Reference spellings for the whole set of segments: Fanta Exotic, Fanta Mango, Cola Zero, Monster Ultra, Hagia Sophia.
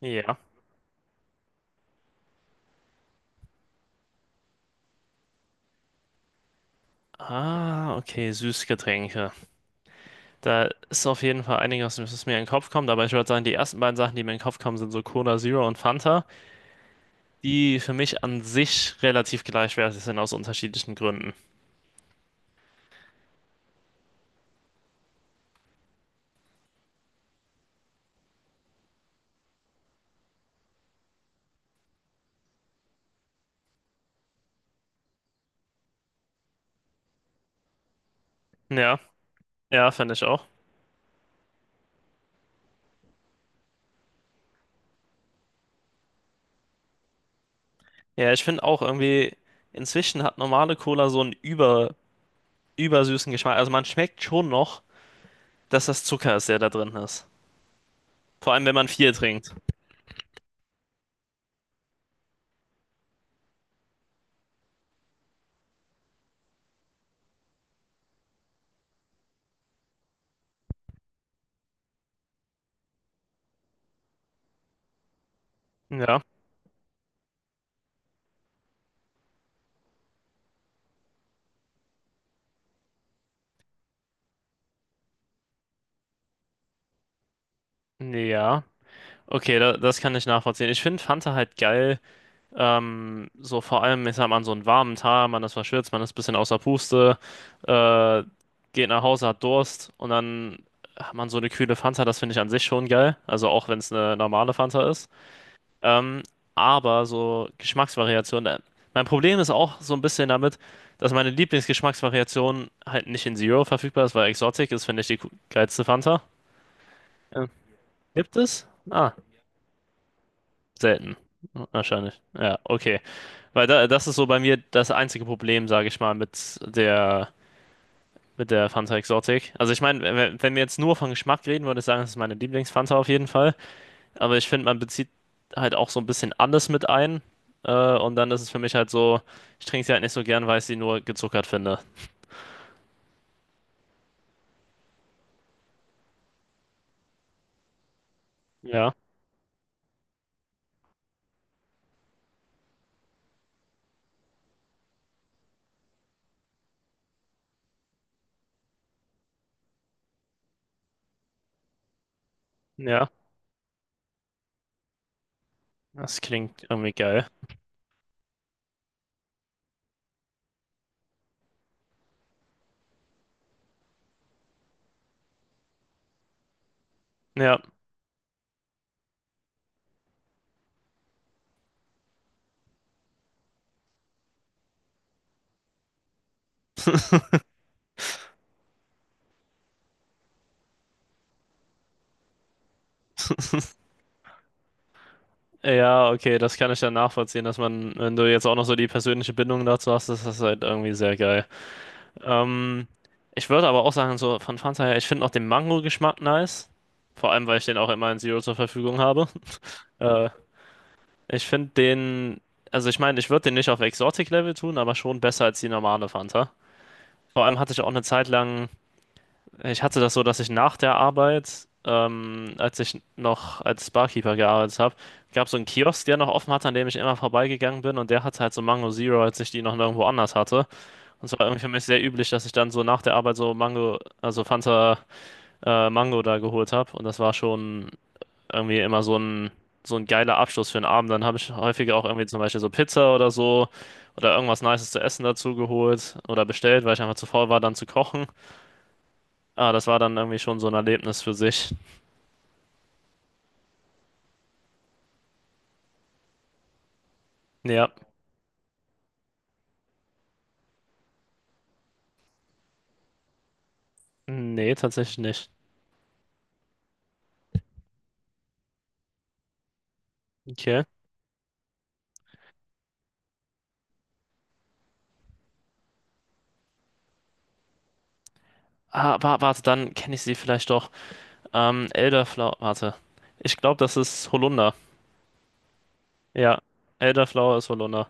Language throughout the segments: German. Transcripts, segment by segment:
Ja. Ah, okay, Süßgetränke. Da ist auf jeden Fall einiges, was mir in den Kopf kommt, aber ich würde sagen, die ersten beiden Sachen, die mir in den Kopf kommen, sind so Cola Zero und Fanta, die für mich an sich relativ gleichwertig sind aus unterschiedlichen Gründen. Ja, ja, finde ich auch. Ja, ich finde auch irgendwie, inzwischen hat normale Cola so einen übersüßen Geschmack. Also man schmeckt schon noch, dass das Zucker ist, der da drin ist. Vor allem, wenn man viel trinkt. Ja, ja. Okay, das kann ich nachvollziehen. Ich finde Fanta halt geil. So vor allem, ich sag mal, an so einem warmen Tag, man ist verschwitzt, man ist ein bisschen außer Puste, äh, geht nach Hause, hat Durst und dann hat man so eine kühle Fanta, das finde ich an sich schon geil. Also auch wenn es eine normale Fanta ist. Ähm, aber so Geschmacksvariationen, mein Problem ist auch so ein bisschen damit, dass meine Lieblingsgeschmacksvariation halt nicht in Zero verfügbar ist, weil Exotic ist, finde ich, die geilste Fanta. Ja. Gibt es? Ah, selten. Wahrscheinlich. Ja, okay. Weil das ist so bei mir das einzige Problem, sage ich mal, mit der Fanta Exotic. Also ich meine, wenn wir jetzt nur von Geschmack reden, würde ich sagen, das ist meine Lieblingsfanta auf jeden Fall. Aber ich finde, man bezieht halt auch so ein bisschen alles mit ein. Und dann ist es für mich halt so, ich trinke sie halt nicht so gern, weil ich sie nur gezuckert finde. Ja, ja, das klingt irgendwie geil. Ja, ja, okay, das kann ich dann nachvollziehen, dass man, wenn du jetzt auch noch so die persönliche Bindung dazu hast, das ist halt irgendwie sehr geil. Ähm, ich würde aber auch sagen, so von Fanta her, ich finde auch den Mango-Geschmack nice. Vor allem, weil ich den auch immer in Zero zur Verfügung habe. Äh, ich finde den, also ich meine, ich würde den nicht auf Exotic-Level tun, aber schon besser als die normale Fanta. Vor allem hatte ich auch eine Zeit lang, ich hatte das so, dass ich nach der Arbeit, als ich noch als Barkeeper gearbeitet habe, gab so einen Kiosk, der noch offen hatte, an dem ich immer vorbeigegangen bin und der hatte halt so Mango Zero, als ich die noch nirgendwo anders hatte. Das war irgendwie für mich sehr üblich, dass ich dann so nach der Arbeit so Mango, also Fanta Mango da geholt habe. Und das war schon irgendwie immer so ein geiler Abschluss für den Abend. Dann habe ich häufiger auch irgendwie zum Beispiel so Pizza oder so oder irgendwas Nices zu essen dazu geholt oder bestellt, weil ich einfach zu faul war, dann zu kochen. Ah, das war dann irgendwie schon so ein Erlebnis für sich. Ja, nee, tatsächlich nicht. Okay. Ah, warte, dann kenne ich sie vielleicht doch. Elderflower, warte. Ich glaube, das ist Holunder. Ja, Elderflower ist Holunder.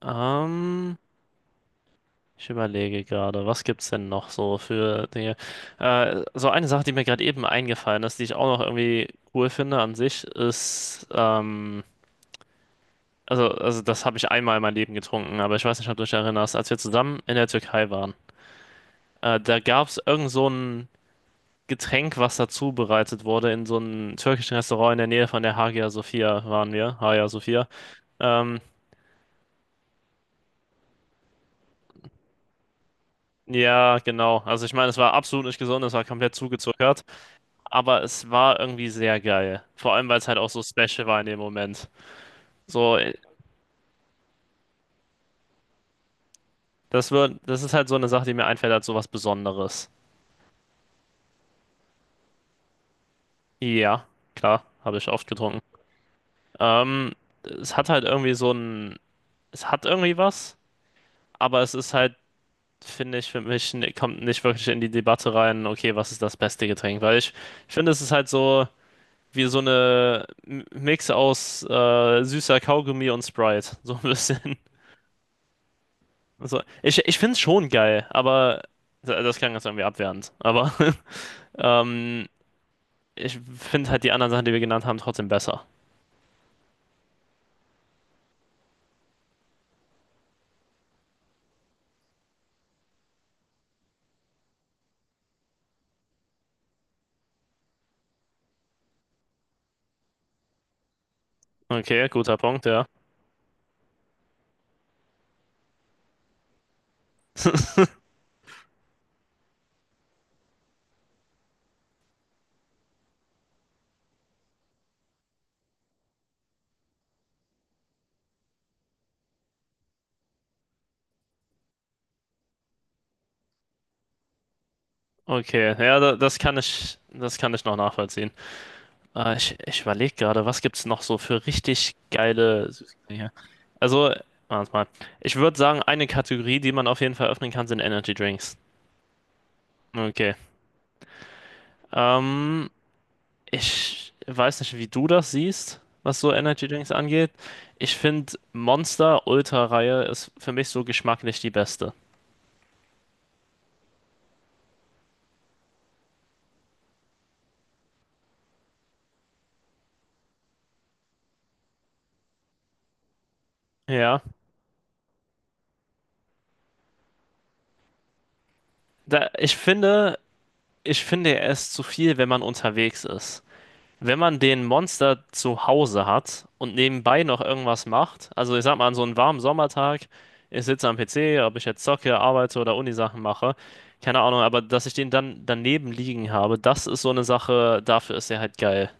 Ähm, ich überlege gerade, was gibt's denn noch so für Dinge? So eine Sache, die mir gerade eben eingefallen ist, die ich auch noch irgendwie cool finde an sich, ist, also das habe ich einmal in meinem Leben getrunken, aber ich weiß nicht, ob du dich erinnerst, als wir zusammen in der Türkei waren. Da gab's irgend so ein Getränk, was dazu bereitet wurde in so einem türkischen Restaurant in der Nähe von der Hagia Sophia waren wir, Hagia Sophia. Ähm, ja, genau. Also ich meine, es war absolut nicht gesund, es war komplett zugezuckert. Aber es war irgendwie sehr geil. Vor allem, weil es halt auch so special war in dem Moment. So, das ist halt so eine Sache, die mir einfällt als so was Besonderes. Ja, klar, habe ich oft getrunken. Ähm, es hat halt irgendwie es hat irgendwie was, aber es ist halt, finde ich, für mich kommt nicht wirklich in die Debatte rein, okay, was ist das beste Getränk? Ich finde, es ist halt so wie so eine Mix aus süßer Kaugummi und Sprite, so ein bisschen. Also, ich finde es schon geil, aber das klang jetzt irgendwie abwertend. Aber ähm, ich finde halt die anderen Sachen, die wir genannt haben, trotzdem besser. Okay, guter Punkt, ja. Okay, ja, das kann ich noch nachvollziehen. Ich überlege gerade, was gibt's noch so für richtig geile Süßigkeiten hier? Also, warte mal. Ich würde sagen, eine Kategorie, die man auf jeden Fall öffnen kann, sind Energy Drinks. Okay. Ähm, ich weiß nicht, wie du das siehst, was so Energy Drinks angeht. Ich finde Monster Ultra-Reihe ist für mich so geschmacklich die beste. Ja, da, ich finde, ich finde er ist zu viel, wenn man unterwegs ist. Wenn man den Monster zu Hause hat und nebenbei noch irgendwas macht, also ich sag mal, an so einem warmen Sommertag, ich sitze am PC, ob ich jetzt zocke, arbeite oder Unisachen mache, keine Ahnung, aber dass ich den dann daneben liegen habe, das ist so eine Sache, dafür ist er halt geil.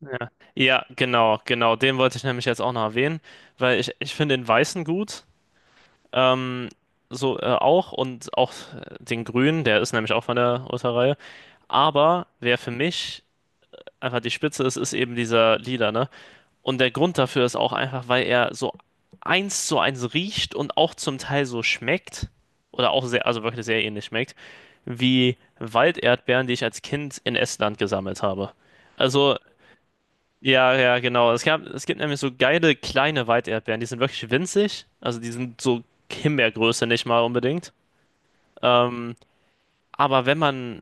Ja. Ja, genau, genau. Den wollte ich nämlich jetzt auch noch erwähnen, ich finde den Weißen gut. Ähm, so auch und auch den Grünen, der ist nämlich auch von der Urter-Reihe. Aber wer für mich einfach die Spitze ist, ist eben dieser Lila, ne? Und der Grund dafür ist auch einfach, weil er so eins zu eins riecht und auch zum Teil so schmeckt. Oder auch sehr, also wirklich sehr ähnlich schmeckt, wie Walderdbeeren, die ich als Kind in Estland gesammelt habe. Also. Ja, ja, genau. Es gibt nämlich so geile kleine Weiterdbeeren, die sind wirklich winzig. Also die sind so Himbeergröße nicht mal unbedingt. Ähm, aber wenn man,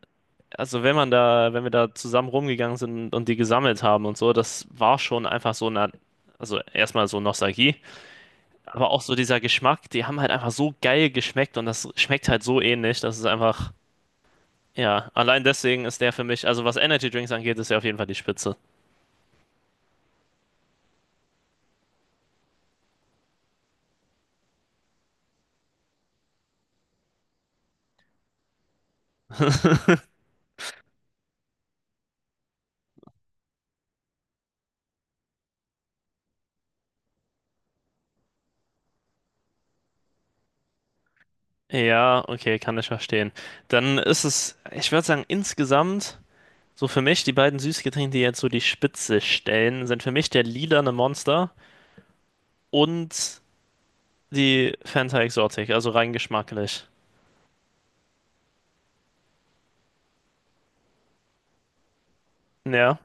also wenn man wenn wir da zusammen rumgegangen sind und die gesammelt haben und so, das war schon einfach so eine, also erstmal so Nostalgie, aber auch so dieser Geschmack, die haben halt einfach so geil geschmeckt und das schmeckt halt so ähnlich, dass es einfach, ja, allein deswegen ist der für mich, also was Energy Drinks angeht, ist der auf jeden Fall die Spitze. Ja, okay, kann ich verstehen. Dann ist es, ich würde sagen, insgesamt, so für mich, die beiden Süßgetränke, die jetzt so die Spitze stellen, sind für mich der lilane Monster und die Fanta Exotic, also rein geschmacklich. Ja,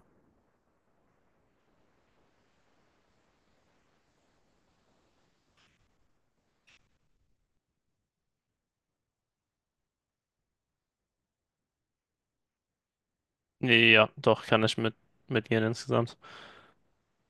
ja, doch, kann ich mit, mitgehen insgesamt.